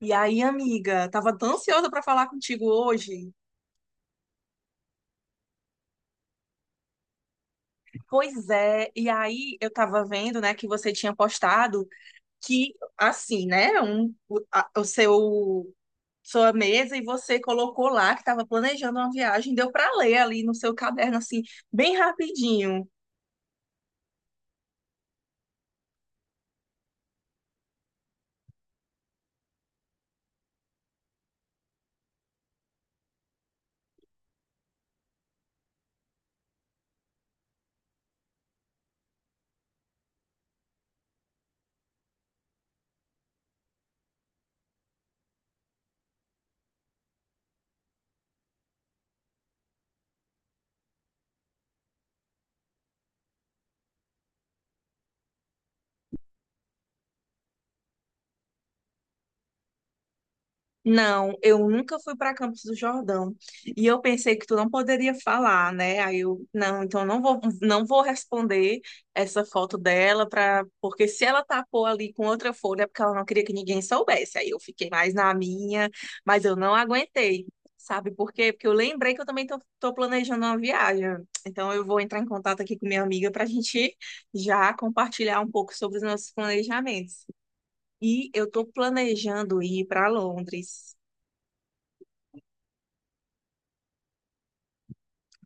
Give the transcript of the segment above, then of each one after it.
E aí, amiga, tava tão ansiosa para falar contigo hoje. Pois é, e aí eu tava vendo, né, que você tinha postado que assim, né, o seu sua mesa e você colocou lá que tava planejando uma viagem, deu para ler ali no seu caderno assim, bem rapidinho. Não, eu nunca fui para Campos do Jordão. E eu pensei que tu não poderia falar, né? Aí eu, não, Então eu não vou, não vou responder essa foto dela para, porque se ela tapou ali com outra folha é porque ela não queria que ninguém soubesse. Aí eu fiquei mais na minha, mas eu não aguentei. Sabe por quê? Porque eu lembrei que eu também tô planejando uma viagem. Então eu vou entrar em contato aqui com minha amiga para a gente já compartilhar um pouco sobre os nossos planejamentos. E eu estou planejando ir para Londres.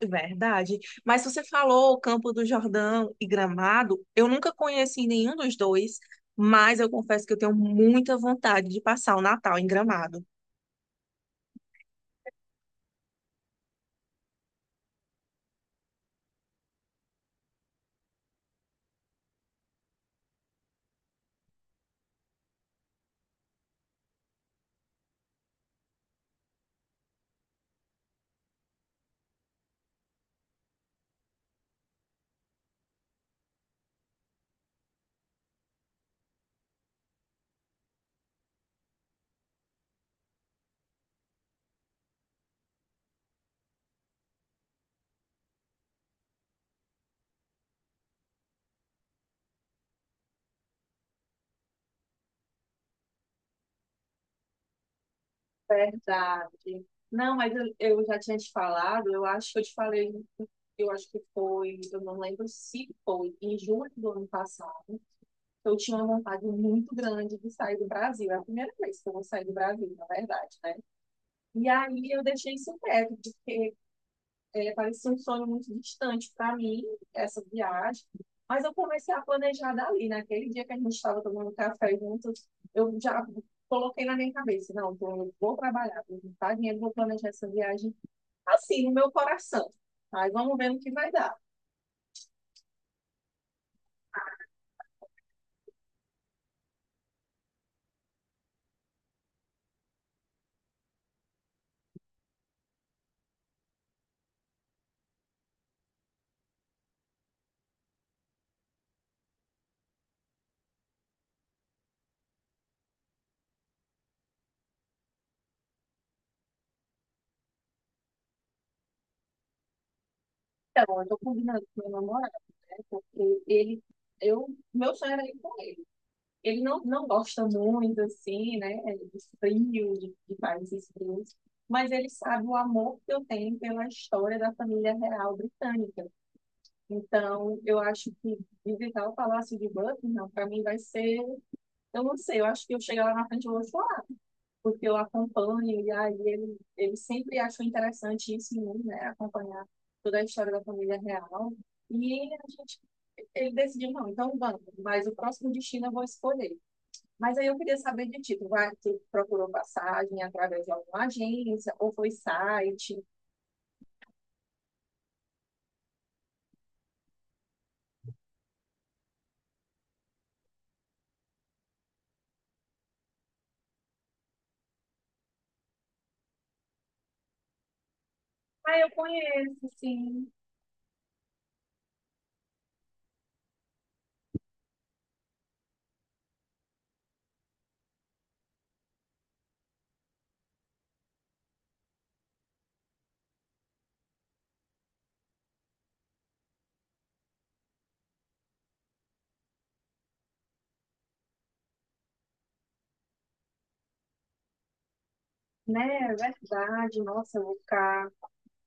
Verdade. Mas você falou Campo do Jordão e Gramado, eu nunca conheci nenhum dos dois, mas eu confesso que eu tenho muita vontade de passar o Natal em Gramado. Verdade. Não, mas eu já tinha te falado, eu acho que eu te falei, eu acho que foi, eu não lembro se foi, em julho do ano passado, eu tinha uma vontade muito grande de sair do Brasil. É a primeira vez que eu vou sair do Brasil, na verdade, né? E aí eu deixei isso quieto, porque é, parecia um sonho muito distante para mim, essa viagem. Mas eu comecei a planejar dali. Naquele dia que a gente estava tomando café juntos, eu já coloquei na minha cabeça: não, eu vou trabalhar, vou juntar dinheiro, vou planejar essa viagem assim, no meu coração. Mas vamos ver no que vai dar. Então, eu estou combinando com meu namorado, né? Porque ele, eu, meu sonho era ir com ele. Ele não, não gosta muito, assim, né, de frio, de países frios, mas ele sabe o amor que eu tenho pela história da família real britânica. Então, eu acho que visitar o Palácio de Buckingham, para mim, vai ser. Eu não sei, eu acho que eu chegar lá na frente e vou chorar, porque eu acompanho, e aí ele sempre achou interessante isso em mim, né, acompanhar toda a história da família real. E a gente, ele decidiu, não, então vamos, mas o próximo destino eu vou escolher. Mas aí eu queria saber de ti, tu, vai, tu procurou passagem através de alguma agência ou foi site? Ah, eu conheço, sim, né? É verdade, nossa, eu vou ficar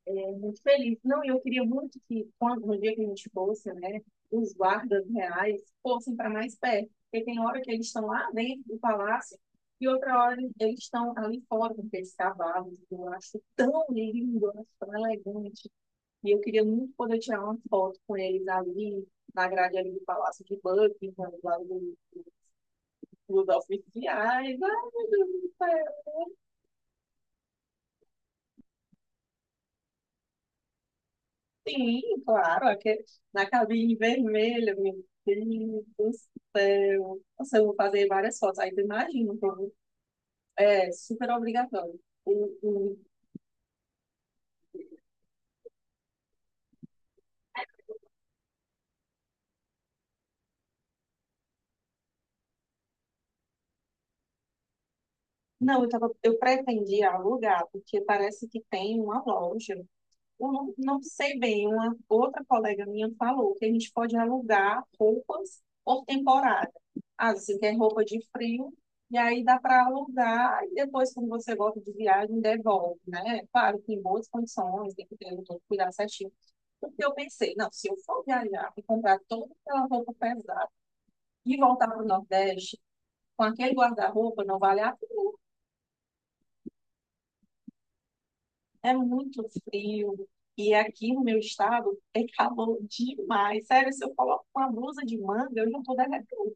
é, muito feliz. Não, e eu queria muito que quando no dia que a gente fosse, né, os guardas reais fossem para mais perto, porque tem hora que eles estão lá dentro do palácio e outra hora eles estão ali fora com aqueles cavalos. Eu acho tão lindo, eu acho tão elegante. E eu queria muito poder tirar uma foto com eles ali, na grade ali do Palácio de Buckingham, lá do dos oficiais. Ai, meu Deus do céu. Sim, claro, aqui, na cabine vermelha, meu Deus do céu. Nossa, eu vou fazer várias fotos. Aí tu imagina, então, é super obrigatório. O- o- Não, eu, tava, eu pretendia alugar, porque parece que tem uma loja. Eu não sei bem, uma outra colega minha falou que a gente pode alugar roupas por temporada. Ah, assim, que é roupa de frio, e aí dá para alugar, e depois, quando você volta de viagem, devolve, né? Claro, que em boas condições, tem que ter todo cuidado certinho. Porque eu pensei, não, se eu for viajar e comprar toda aquela roupa pesada e voltar para o Nordeste, com aquele guarda-roupa, não vale a... É muito frio. E aqui no meu estado é calor demais. Sério, se eu coloco uma blusa de manga, eu já tô derretendo.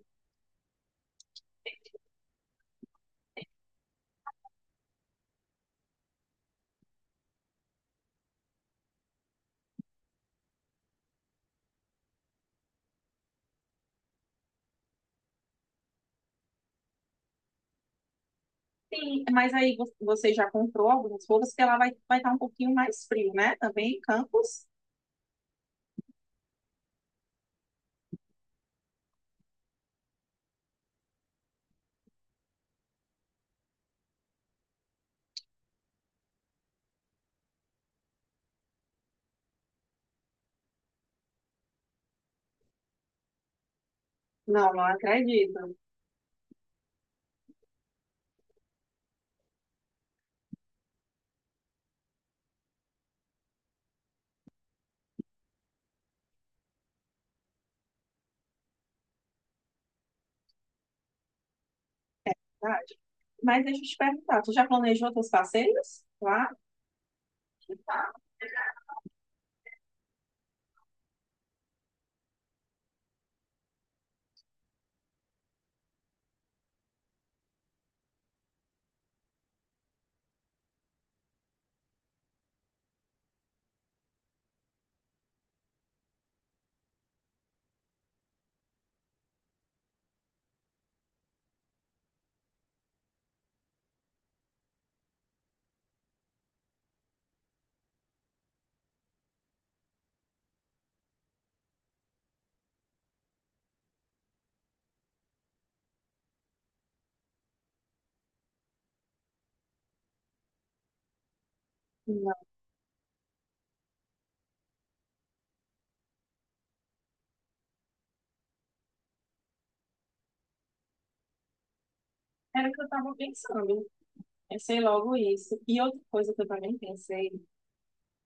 Sim, mas aí você já comprou algumas roupas que ela vai estar um pouquinho mais frio, né? Também em Campos? Não, não acredito. É verdade. Mas deixa eu te perguntar, tu já planejou teus passeios? Claro. Tá? Não, era o que eu estava pensando. Pensei logo isso. E outra coisa que eu também pensei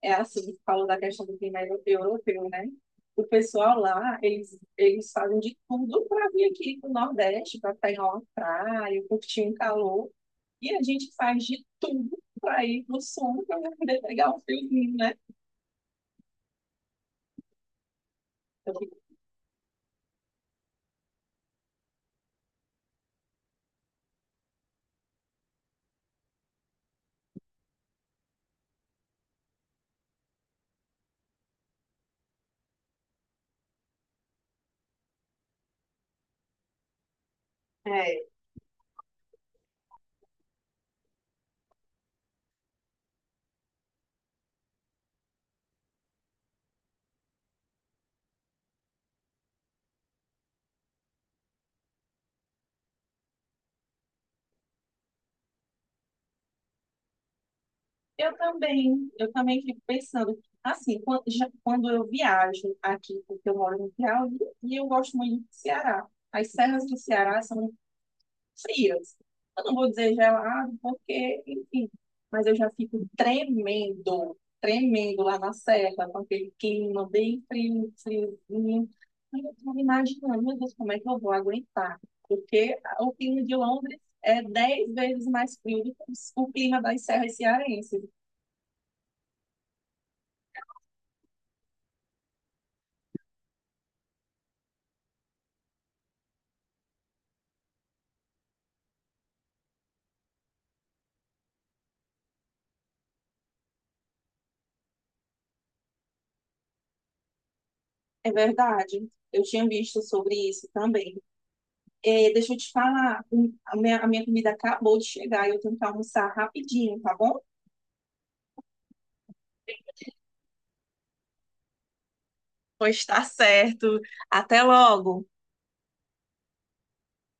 é assim, falou da questão do clima europeu, né? O pessoal lá, eles fazem de tudo para vir aqui pro Nordeste, para pegar uma praia, curtir um calor. E a gente faz de tudo para ir pro Sul, para poder pegar um friozinho, né? Eu fico- É, eu também fico pensando, assim, quando, já, quando eu viajo aqui, porque eu moro no Piauí, e eu gosto muito do Ceará. As serras do Ceará são frias. Eu não vou dizer gelado, porque, enfim, mas eu já fico tremendo lá na serra, com aquele clima bem frio, friozinho. Aí eu estou imaginando, meu Deus, como é que eu vou aguentar? Porque o clima de Londres é 10 vezes mais frio do que o clima das serras cearenses. É verdade. Eu tinha visto sobre isso também. Deixa eu te falar, a minha comida acabou de chegar e eu tenho que almoçar rapidinho, tá bom? Pois está certo. Até logo.